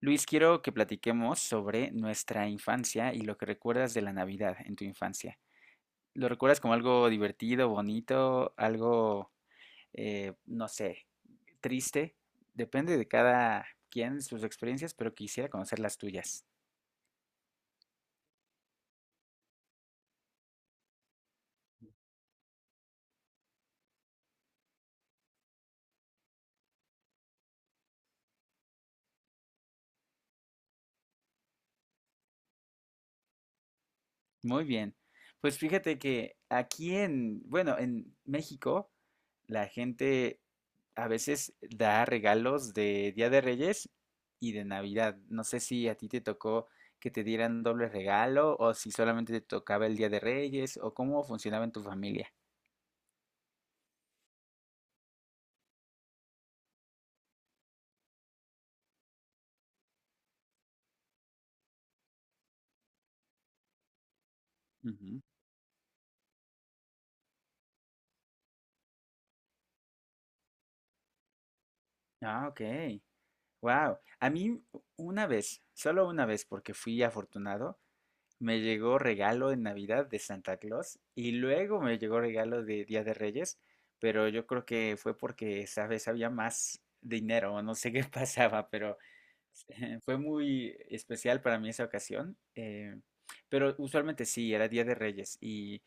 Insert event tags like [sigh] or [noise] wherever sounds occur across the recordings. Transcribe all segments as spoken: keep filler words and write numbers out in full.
Luis, quiero que platiquemos sobre nuestra infancia y lo que recuerdas de la Navidad en tu infancia. ¿Lo recuerdas como algo divertido, bonito, algo, eh, no sé, triste? Depende de cada quien sus experiencias, pero quisiera conocer las tuyas. Muy bien. Pues fíjate que aquí en, bueno, en México, la gente a veces da regalos de Día de Reyes y de Navidad. No sé si a ti te tocó que te dieran doble regalo o si solamente te tocaba el Día de Reyes o cómo funcionaba en tu familia. Ujú. Ah, ok. Wow. A mí una vez, solo una vez porque fui afortunado, me llegó regalo en Navidad de Santa Claus y luego me llegó regalo de Día de Reyes, pero yo creo que fue porque esa vez había más dinero, no sé [laughs] qué pasaba, pero [laughs] fue muy especial para mí esa ocasión. Eh, pero usualmente sí, era Día de Reyes. ¿Y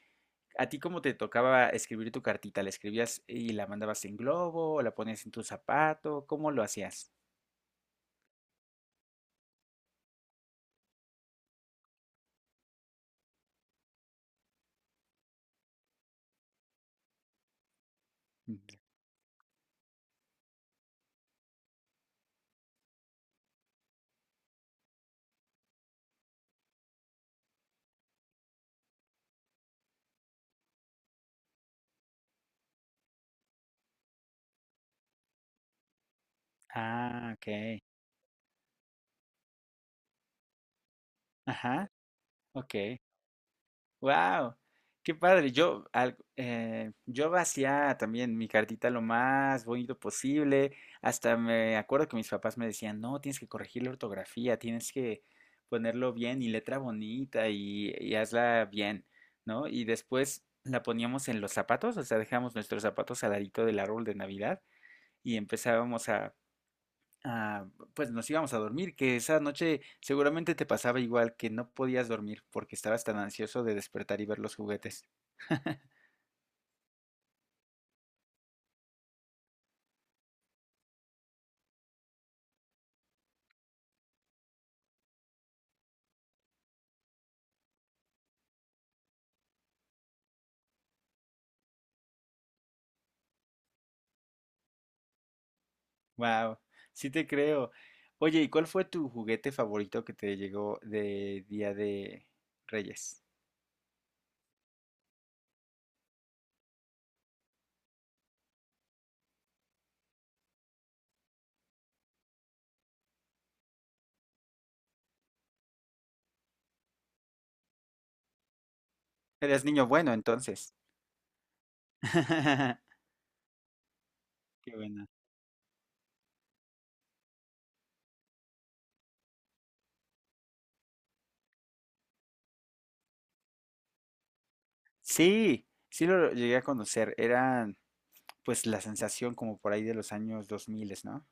a ti cómo te tocaba escribir tu cartita? ¿La escribías y la mandabas en globo? ¿O la ponías en tu zapato? ¿Cómo lo hacías? Mm. Ah, ok. Ajá, ok. Wow, qué padre. Yo, al- eh, yo hacía también mi cartita lo más bonito posible. Hasta me acuerdo que mis papás me decían, no, tienes que corregir la ortografía, tienes que ponerlo bien y letra bonita y, y hazla bien, ¿no? Y después la poníamos en los zapatos, o sea, dejamos nuestros zapatos al ladito del árbol de Navidad y empezábamos a. Ah, pues nos íbamos a dormir, que esa noche seguramente te pasaba igual, que no podías dormir porque estabas tan ansioso de despertar y ver los juguetes. Wow, sí te creo. Oye, ¿y cuál fue tu juguete favorito que te llegó de Día de Reyes? Eras niño bueno entonces. [laughs] Qué buena. Sí, sí lo llegué a conocer. Era pues la sensación como por ahí de los años dos mil, ¿no?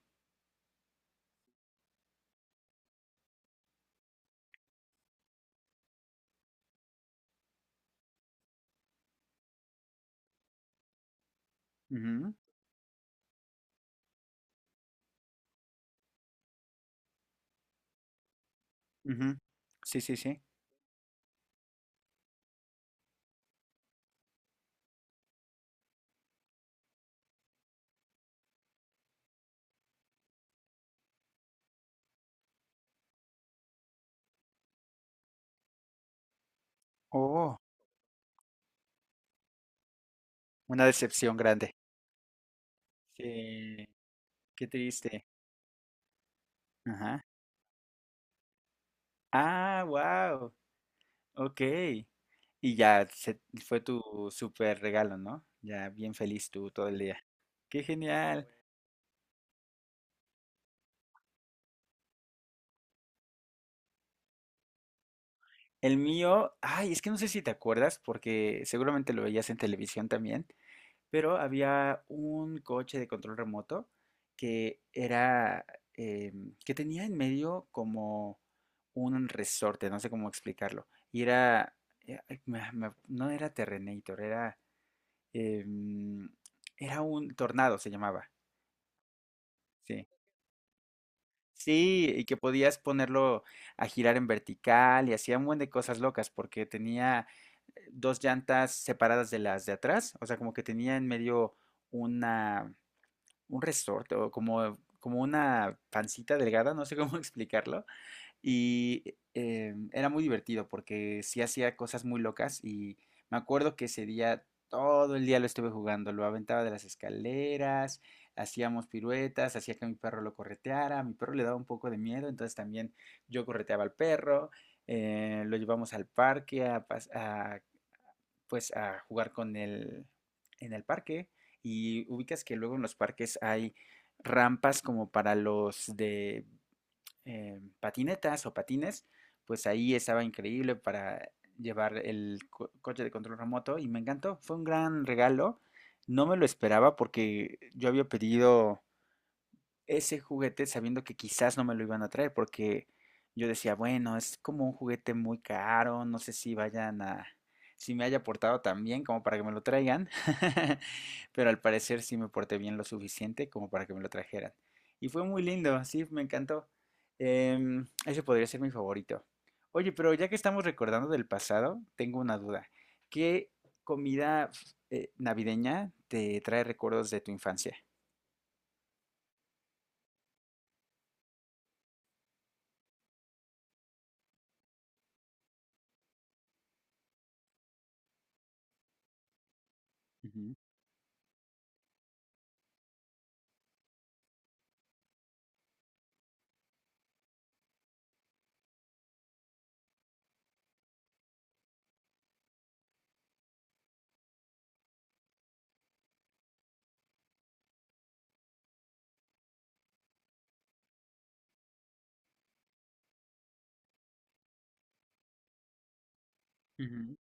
Ujú, ujú. Sí, sí, sí. Oh, una decepción grande. Sí, qué triste. Ajá. Ah, wow. Ok. Y ya se- fue tu super regalo, ¿no? Ya bien feliz tú todo el día. Qué genial. El mío, ay, es que no sé si te acuerdas, porque seguramente lo veías en televisión también, pero había un coche de control remoto que era, em, que tenía en medio como un resorte, no sé cómo explicarlo. Y era, eh, ay, me- me- no era Terrenator, era... em, era un tornado, se llamaba. Sí. Sí, y que podías ponerlo a girar en vertical y hacía un buen de cosas locas porque tenía eh, dos llantas separadas de las de atrás, o sea, como que tenía en medio una un resorte o como como una pancita delgada, no sé cómo [laughs] explicarlo. Y eh, era muy divertido porque sí hacía cosas muy locas y me acuerdo que ese día todo el día lo estuve jugando, lo aventaba de las escaleras, hacíamos piruetas, hacía que mi perro lo correteara, a mi perro le daba un poco de miedo, entonces también yo correteaba al perro, eh, lo llevamos al parque a, pas- a, pues a jugar con él en el parque y ubicas que luego en los parques hay rampas como para los de eh, patinetas o patines, pues ahí estaba increíble para llevar el co- coche de control remoto y me encantó. Fue un gran regalo. No me lo esperaba porque yo había pedido ese juguete sabiendo que quizás no me lo iban a traer, porque yo decía, bueno, es como un juguete muy caro, no sé si vayan a, si me haya portado tan bien como para que me lo traigan, [laughs] pero al parecer sí me porté bien lo suficiente como para que me lo trajeran. Y fue muy lindo, sí, me encantó. Em, ese podría ser mi favorito. Oye, pero ya que estamos recordando del pasado, tengo una duda. ¿Qué comida eh, navideña te trae recuerdos de tu infancia? Ujú, ujú.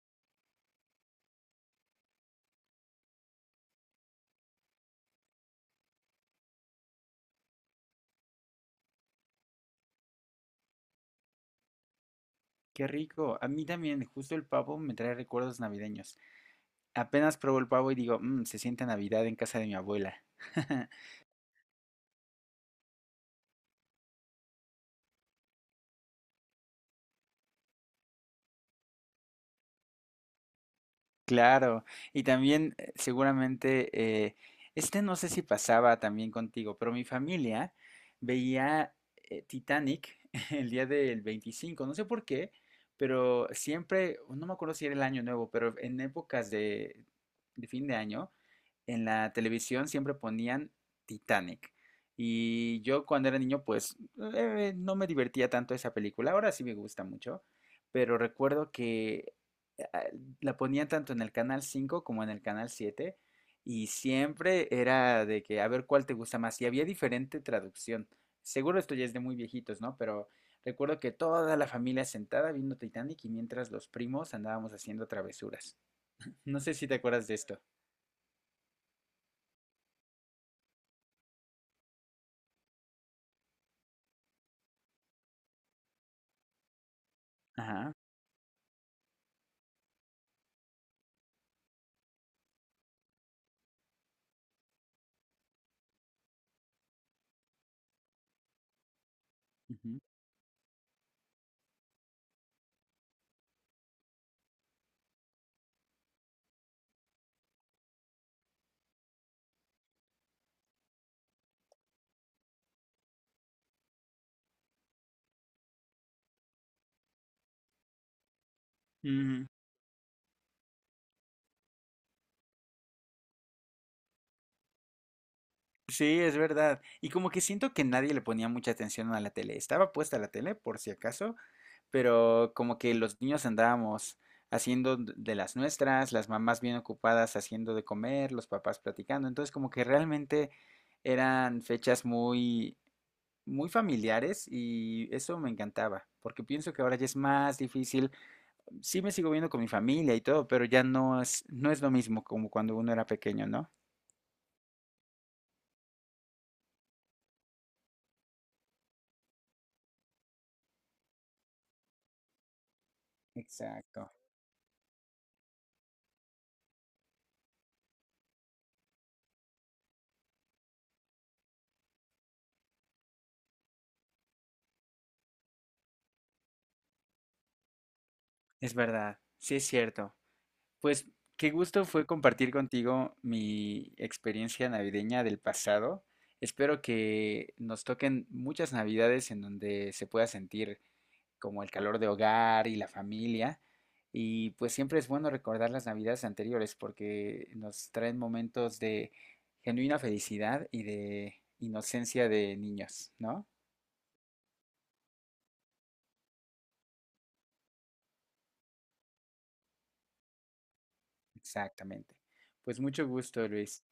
Qué rico. A mí también, justo el pavo me trae recuerdos navideños. Apenas pruebo el pavo y digo, "Mm, se siente Navidad en casa de mi abuela." [laughs] Claro. Y también eh, seguramente, eh, este no sé si pasaba también contigo, pero mi familia veía eh, Titanic [laughs] el día del veinticinco. No sé por qué, pero siempre, no me acuerdo si era el año nuevo, pero en épocas de, de fin de año, en la televisión siempre ponían Titanic. Y yo cuando era niño, pues eh, no me divertía tanto esa película. Ahora sí me gusta mucho, pero recuerdo que eh, la ponían tanto en el canal cinco como en el canal siete y siempre era de que a ver cuál te gusta más. Y había diferente traducción. Seguro esto ya es de muy viejitos, ¿no? Pero recuerdo que toda la familia sentada viendo Titanic y mientras los primos andábamos haciendo travesuras. No sé si te acuerdas de esto. Ajá. Ujú. Ujú. Sí, es verdad. Y como que siento que nadie le ponía mucha atención a la tele. Estaba puesta la tele, por si acaso, pero como que los niños andábamos haciendo d- de las nuestras, las mamás bien ocupadas haciendo de comer, los papás platicando. Entonces, como que realmente eran fechas muy, muy familiares y eso me encantaba, porque pienso que ahora ya es más difícil. Sí me sigo viendo con mi familia y todo, pero ya no es, no es lo mismo como cuando uno era pequeño, ¿no? Exacto. Es verdad, sí es cierto. Pues qué gusto fue compartir contigo mi experiencia navideña del pasado. Espero que nos toquen muchas navidades en donde se pueda sentir como el calor de hogar y la familia. Y pues siempre es bueno recordar las navidades anteriores porque nos traen momentos de genuina felicidad y de inocencia de niños, ¿no? Exactamente. Pues mucho gusto, Luis.